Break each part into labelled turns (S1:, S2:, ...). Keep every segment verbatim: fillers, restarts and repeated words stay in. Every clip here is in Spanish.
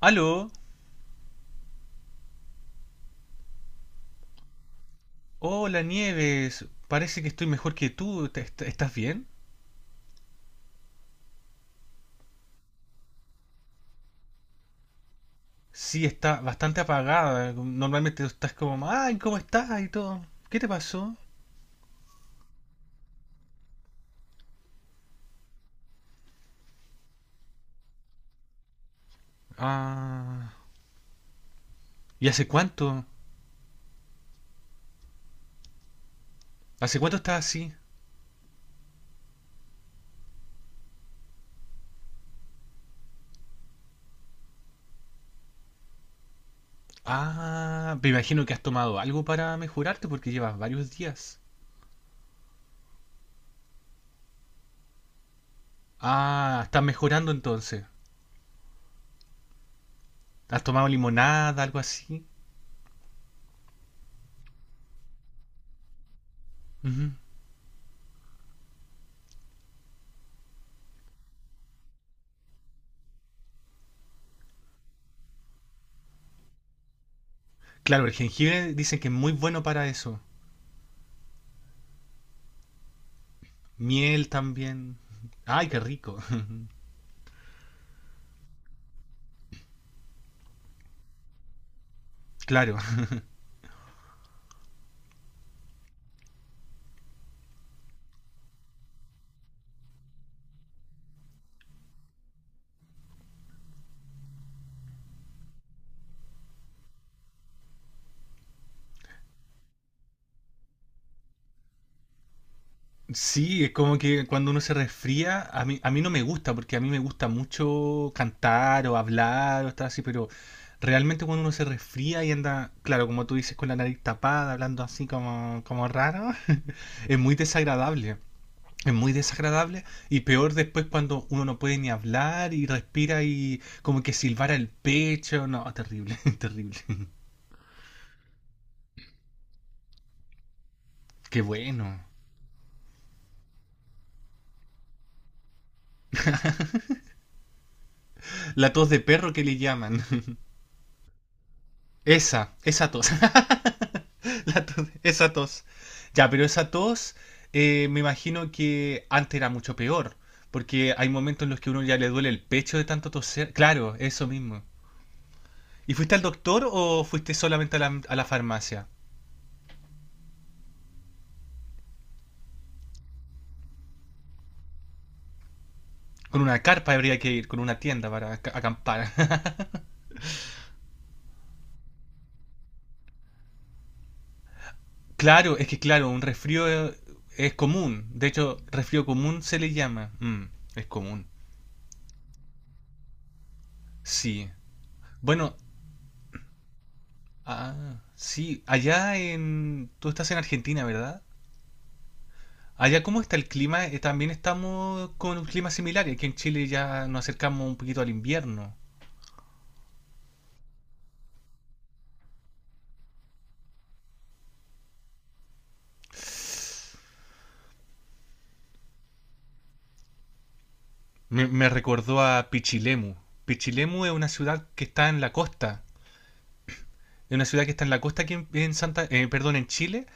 S1: Aló, hola Nieves, parece que estoy mejor que tú. ¿Te- est- ¿estás bien? Sí, está bastante apagada, normalmente estás como, ay, ¿cómo estás? Y todo. ¿Qué te pasó? Ah, ¿y hace cuánto? ¿Hace cuánto estás así? Ah, me imagino que has tomado algo para mejorarte porque llevas varios días. Ah, estás mejorando entonces. ¿Has tomado limonada, algo así? Ujú. Claro, el jengibre dicen que es muy bueno para eso. Miel también. Ay, qué rico. Claro. Sí, es como que cuando uno se resfría, a mí, a mí no me gusta, porque a mí me gusta mucho cantar o hablar o estar así, pero realmente cuando uno se resfría y anda, claro, como tú dices, con la nariz tapada, hablando así como, como raro, es muy desagradable. Es muy desagradable y peor después cuando uno no puede ni hablar y respira y como que silbara el pecho. No, terrible, terrible. Qué bueno. La tos de perro que le llaman. Esa, esa tos. La tos- esa tos. Ya, pero esa tos eh, me imagino que antes era mucho peor, porque hay momentos en los que uno ya le duele el pecho de tanto toser. Claro, eso mismo. ¿Y fuiste al doctor o fuiste solamente a la, a la farmacia? Con una carpa habría que ir, con una tienda para ac- acampar. Claro, es que claro, un resfrío eh, es común. De hecho, resfrío común se le llama. Mm, es común. Sí. Bueno, ah, sí, allá en... Tú estás en Argentina, ¿verdad? Allá, ¿cómo está el clima? Eh, también estamos con un clima similar. Aquí en Chile ya nos acercamos un poquito al invierno. Me, me recordó a Pichilemu. Pichilemu es una ciudad que está en la costa. Es una ciudad que está en la costa aquí en, en Santa, eh, perdón, en Chile.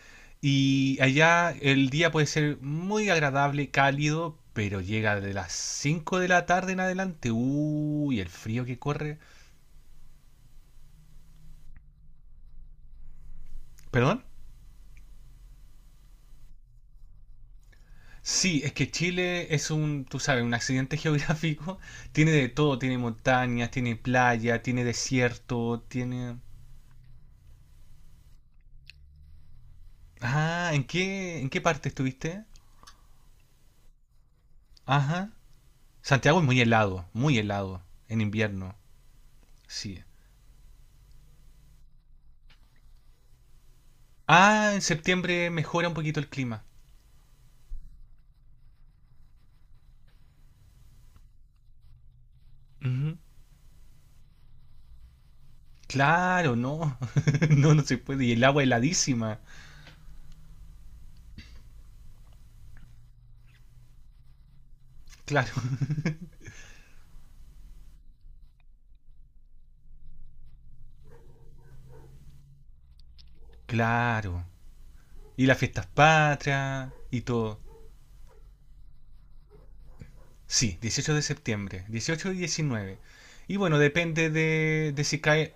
S1: Y allá el día puede ser muy agradable, cálido, pero llega de las cinco de la tarde en adelante. Uy, el frío que corre. ¿Perdón? Sí, es que Chile es un, tú sabes, un accidente geográfico. Tiene de todo, tiene montañas, tiene playa, tiene desierto, tiene... Ah, ¿en qué, en qué parte estuviste? Ajá. Santiago es muy helado, muy helado, en invierno, sí. Ah, en septiembre mejora un poquito el clima. Ujú. Claro, no, no, no se puede. Y el agua heladísima, claro, claro. Y las fiestas patrias y todo. Sí, dieciocho de septiembre, dieciocho y diecinueve. Y bueno, depende de, de si cae...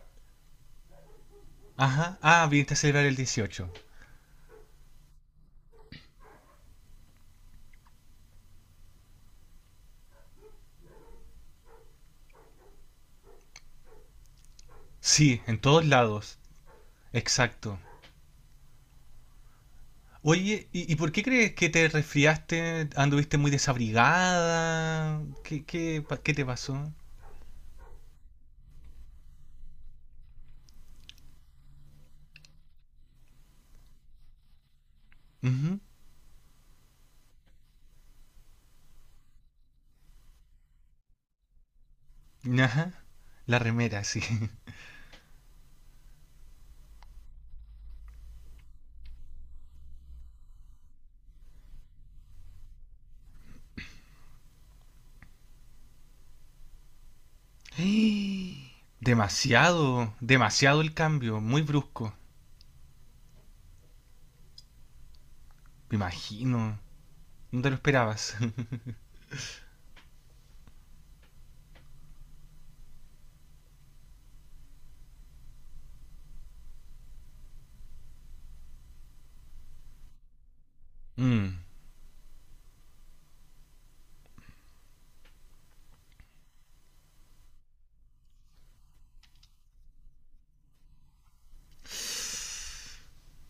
S1: Ajá, ah, viniste a celebrar el dieciocho. Sí, en todos lados, exacto. Oye, ¿y, y por qué crees que te resfriaste? ¿Anduviste muy desabrigada? ¿Qué, qué, pa- ¿qué te pasó? Ujú. Ajá, la remera, sí. Demasiado, demasiado el cambio, muy brusco. Me imagino, no te lo esperabas. Mm.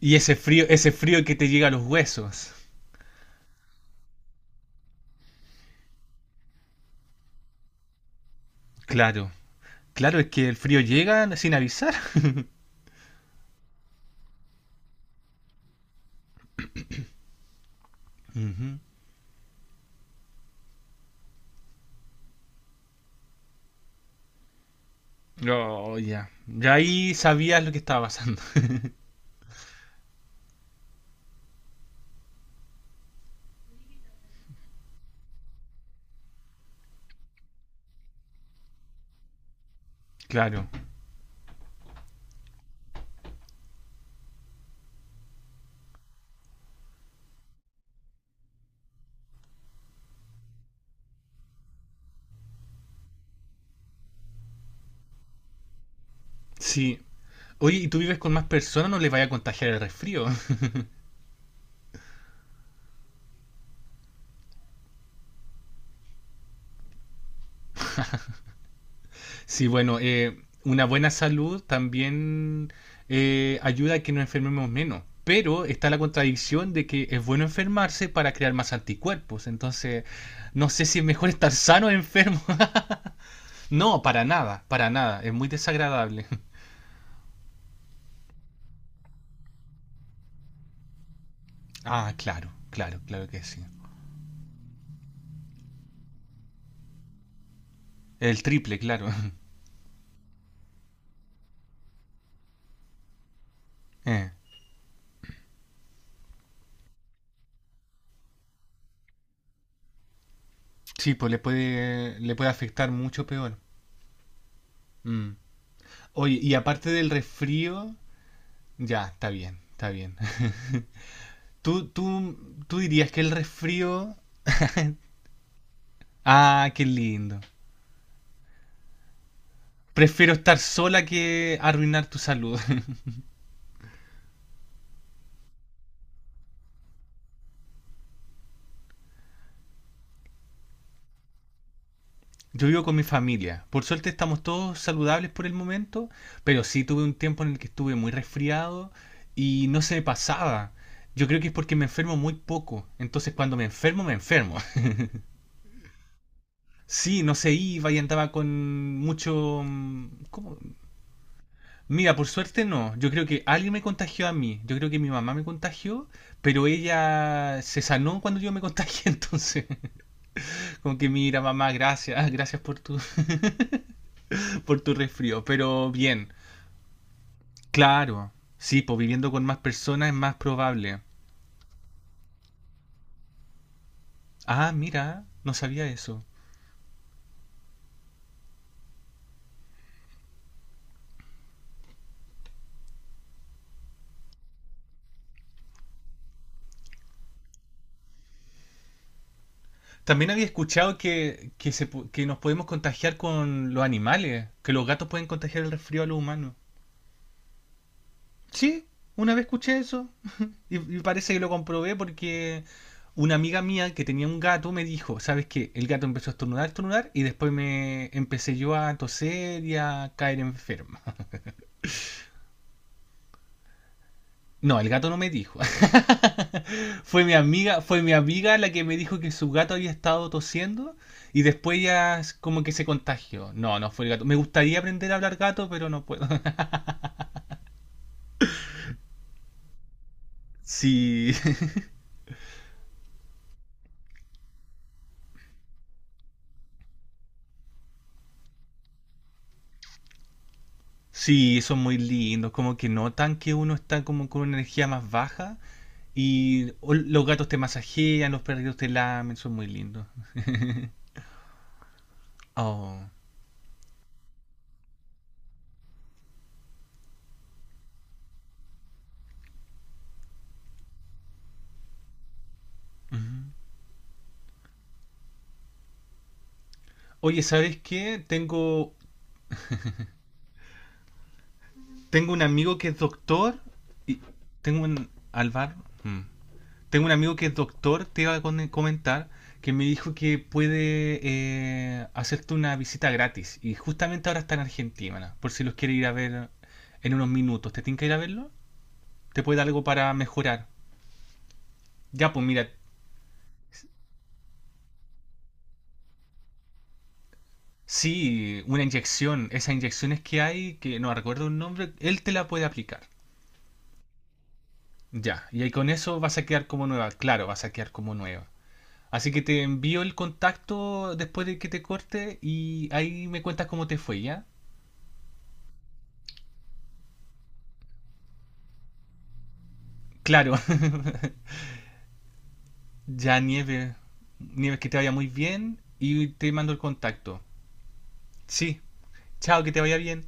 S1: Y ese frío, ese frío que te llega a los huesos. Claro. Claro, es que el frío llega sin avisar. Ujú. Oh, ya. Ya ahí sabías lo que estaba pasando. Claro. Sí. Oye, ¿y tú vives con más personas? No les vaya a contagiar el resfrío. Sí, bueno, eh, una buena salud también eh, ayuda a que nos enfermemos menos. Pero está la contradicción de que es bueno enfermarse para crear más anticuerpos. Entonces, no sé si es mejor estar sano o enfermo. No, para nada, para nada. Es muy desagradable. Ah, claro, claro, claro que sí. El triple, claro. Eh, sí, pues le puede, le puede afectar mucho peor. Mm. Oye, y aparte del resfrío, ya, está bien, está bien. ¿Tú, tú, tú dirías que el resfrío... Ah, qué lindo. Prefiero estar sola que arruinar tu salud. Yo vivo con mi familia. Por suerte estamos todos saludables por el momento, pero sí tuve un tiempo en el que estuve muy resfriado y no se me pasaba. Yo creo que es porque me enfermo muy poco. Entonces cuando me enfermo, me enfermo. Sí, no se iba y andaba con mucho... mm, ¿Cómo? Mira, por suerte no. Yo creo que alguien me contagió a mí. Yo creo que mi mamá me contagió, pero ella se sanó cuando yo me contagié. Entonces, como que mira, mamá, gracias, gracias por tu, por tu resfrío. Pero bien, claro, sí, pues viviendo con más personas es más probable. Ah, mira, no sabía eso. También había escuchado que, que, se pu- que nos podemos contagiar con los animales, que los gatos pueden contagiar el resfrío a los humanos. Sí, una vez escuché eso y, y parece que lo comprobé porque una amiga mía que tenía un gato me dijo, ¿sabes qué? El gato empezó a estornudar, estornudar y después me empecé yo a toser y a caer enferma. No, el gato no me dijo. Fue mi amiga, fue mi amiga la que me dijo que su gato había estado tosiendo y después ya s- como que se contagió. No, no fue el gato. Me gustaría aprender a hablar gato, pero no puedo. Sí, sí, son muy lindos. Como que notan que uno está como con una energía más baja y o- los gatos te masajean, los perritos te lamen, son muy lindos. Oh. Ujú. Oye, ¿sabes qué? Tengo, tengo un amigo que es doctor y tengo un Alvar. Mm. Tengo un amigo que es doctor, te iba a con- comentar, que me dijo que puede eh, hacerte una visita gratis. Y justamente ahora está en Argentina, por si los quiere ir a ver en unos minutos. ¿Te tiene que ir a verlo? ¿Te puede dar algo para mejorar? Ya, pues mira, sí, una inyección. Esas inyecciones que hay, que no recuerdo un nombre, él te la puede aplicar. Ya, y ahí con eso vas a quedar como nueva. Claro, vas a quedar como nueva. Así que te envío el contacto después de que te corte y ahí me cuentas cómo te fue, ¿ya? Claro, ya nieve. Nieves, que te vaya muy bien y te mando el contacto. Sí, chao, que te vaya bien.